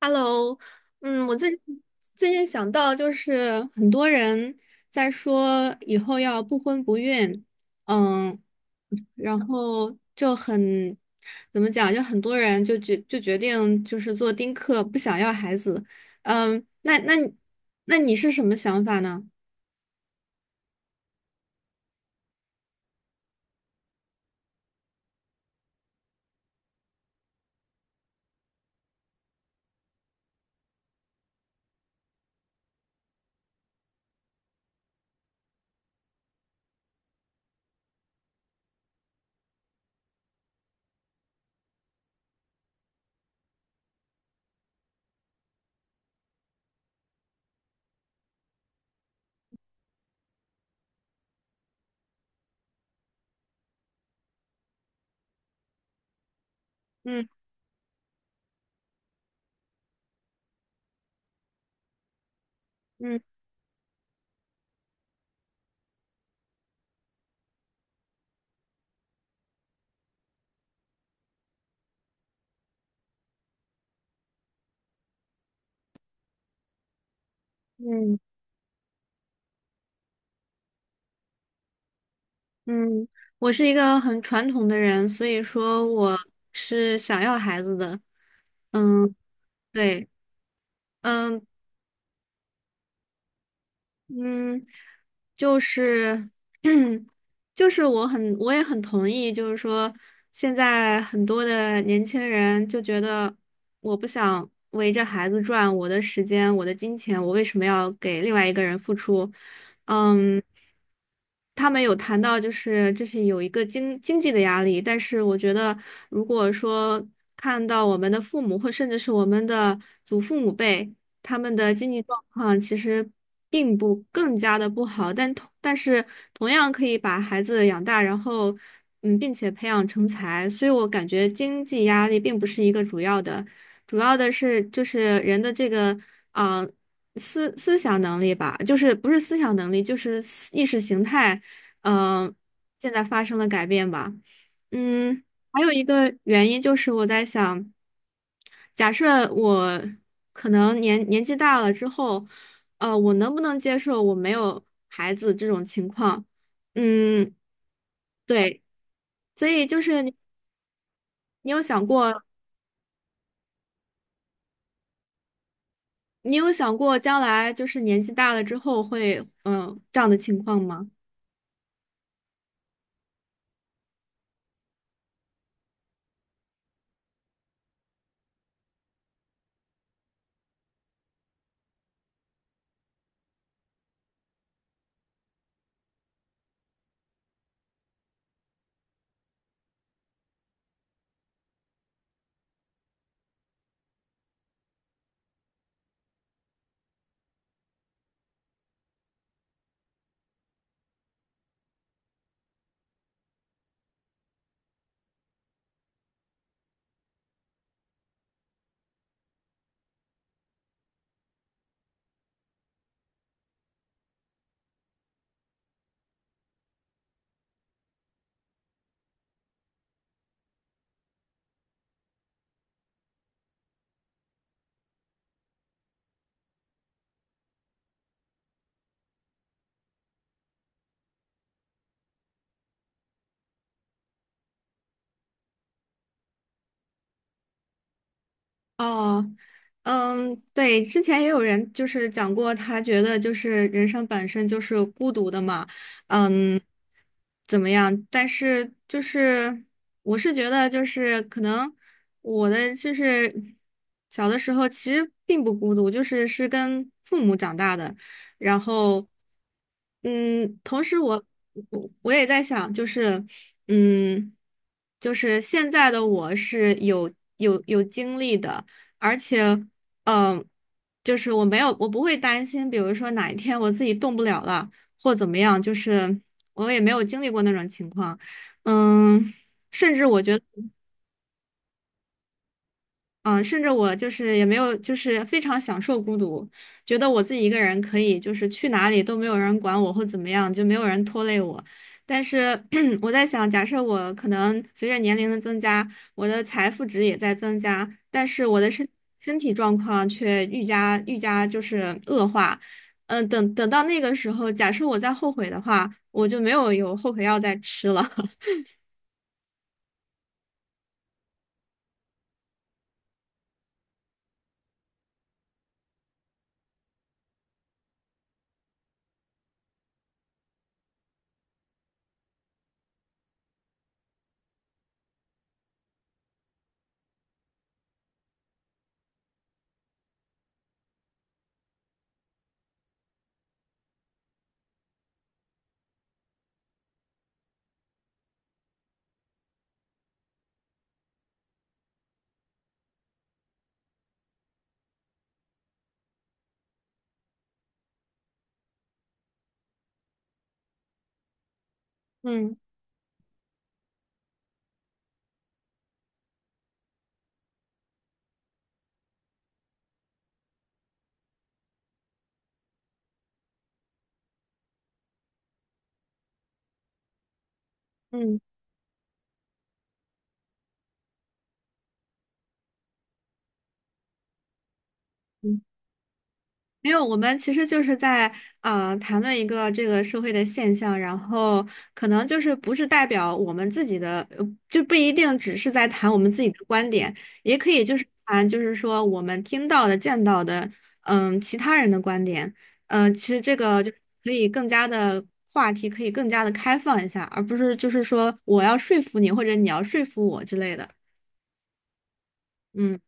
Hello，嗯，我最近想到就是很多人在说以后要不婚不孕，嗯，然后就很怎么讲，就很多人就决定就是做丁克，不想要孩子，嗯，那你是什么想法呢？嗯嗯嗯嗯，我是一个很传统的人，所以说我是想要孩子的，嗯，对。嗯，嗯，就是 就是我很我也很同意，就是说现在很多的年轻人就觉得我不想围着孩子转，我的时间，我的金钱，我为什么要给另外一个人付出？嗯，他们有谈到就是这是有一个经济的压力，但是我觉得如果说看到我们的父母或甚至是我们的祖父母辈。他们的经济状况其实并不更加的不好，但是同样可以把孩子养大，然后嗯，并且培养成才，所以我感觉经济压力并不是一个主要的，主要的是就是人的这个啊、思想能力吧，就是不是思想能力，就是思意识形态，嗯、现在发生了改变吧，嗯。还有一个原因就是我在想，假设我可能年纪大了之后，我能不能接受我没有孩子这种情况？嗯，对，所以就是你，你有想过，你有想过将来就是年纪大了之后会，嗯、这样的情况吗？哦，嗯，对，之前也有人就是讲过，他觉得就是人生本身就是孤独的嘛，嗯，怎么样？但是就是我是觉得就是可能我的就是小的时候其实并不孤独，就是是跟父母长大的，然后嗯，同时我也在想，就是嗯，就是现在的我是有经历的。而且，嗯、就是我没有，我不会担心，比如说哪一天我自己动不了了，或怎么样，就是我也没有经历过那种情况，嗯，甚至我觉得。嗯，甚至我就是也没有，就是非常享受孤独，觉得我自己一个人可以，就是去哪里都没有人管我或怎么样，就没有人拖累我。但是 我在想，假设我可能随着年龄的增加，我的财富值也在增加，但是我的身体状况却愈加就是恶化。嗯，等到那个时候，假设我再后悔的话，我就没有后悔药再吃了。嗯嗯。没有，我们其实就是在谈论一个这个社会的现象，然后可能就是不是代表我们自己的，就不一定只是在谈我们自己的观点，也可以就是谈就是说我们听到的、见到的，嗯，其他人的观点，嗯、其实这个就可以更加的话题可以更加的开放一下，而不是就是说我要说服你或者你要说服我之类的，嗯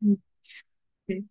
嗯，对。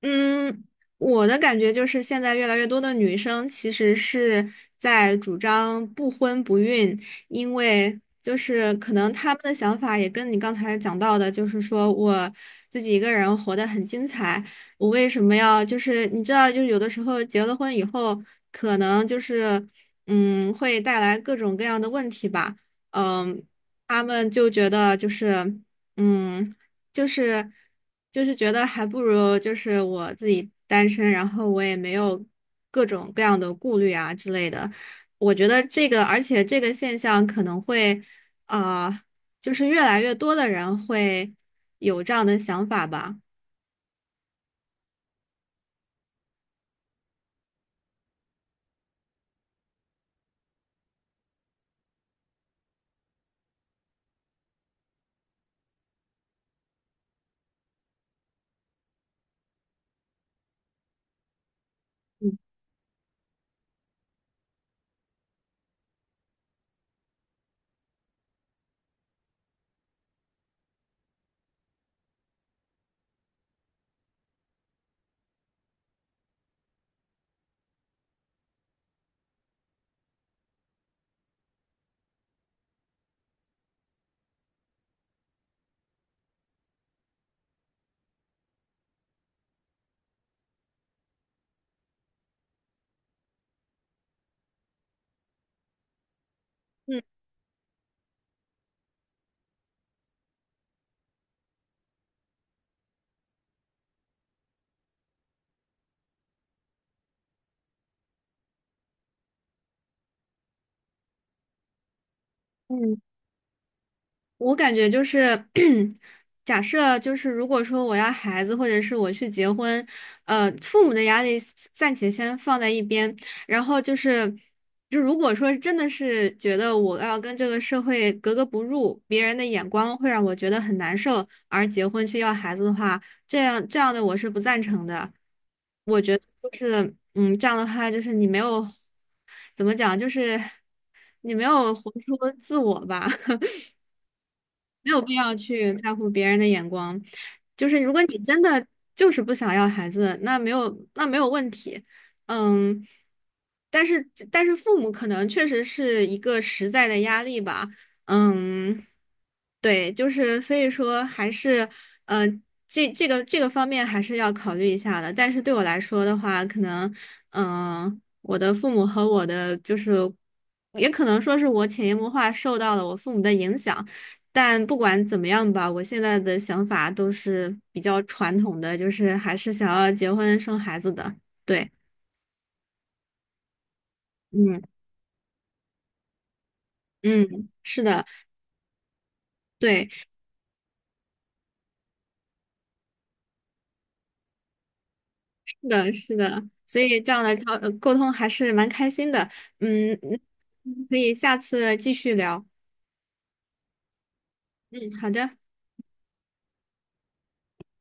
嗯，我的感觉就是现在越来越多的女生其实是在主张不婚不孕，因为就是可能她们的想法也跟你刚才讲到的，就是说我自己一个人活得很精彩，我为什么要就是你知道，就是有的时候结了婚以后，可能就是嗯会带来各种各样的问题吧，嗯，他们就觉得就是。嗯，就是就是觉得还不如就是我自己单身，然后我也没有各种各样的顾虑啊之类的。我觉得这个，而且这个现象可能会啊、呃就是越来越多的人会有这样的想法吧。嗯嗯嗯。我感觉就是，假设就是如果说我要孩子，或者是我去结婚，呃，父母的压力暂且先放在一边，然后就是，就如果说真的是觉得我要跟这个社会格格不入，别人的眼光会让我觉得很难受，而结婚去要孩子的话，这样的我是不赞成的。我觉得就是，嗯，这样的话就是你没有，怎么讲，就是你没有活出自我吧。没有必要去在乎别人的眼光。就是如果你真的就是不想要孩子，那没有那没有问题，嗯。但是但是父母可能确实是一个实在的压力吧，嗯，对，就是所以说还是，呃，这个方面还是要考虑一下的。但是对我来说的话，可能，嗯、我的父母和我的就是，也可能说是我潜移默化受到了我父母的影响。但不管怎么样吧，我现在的想法都是比较传统的，就是还是想要结婚生孩子的。对，嗯嗯，是的，对，是的，是的，所以这样的交沟通还是蛮开心的。嗯嗯可以下次继续聊。嗯，好的。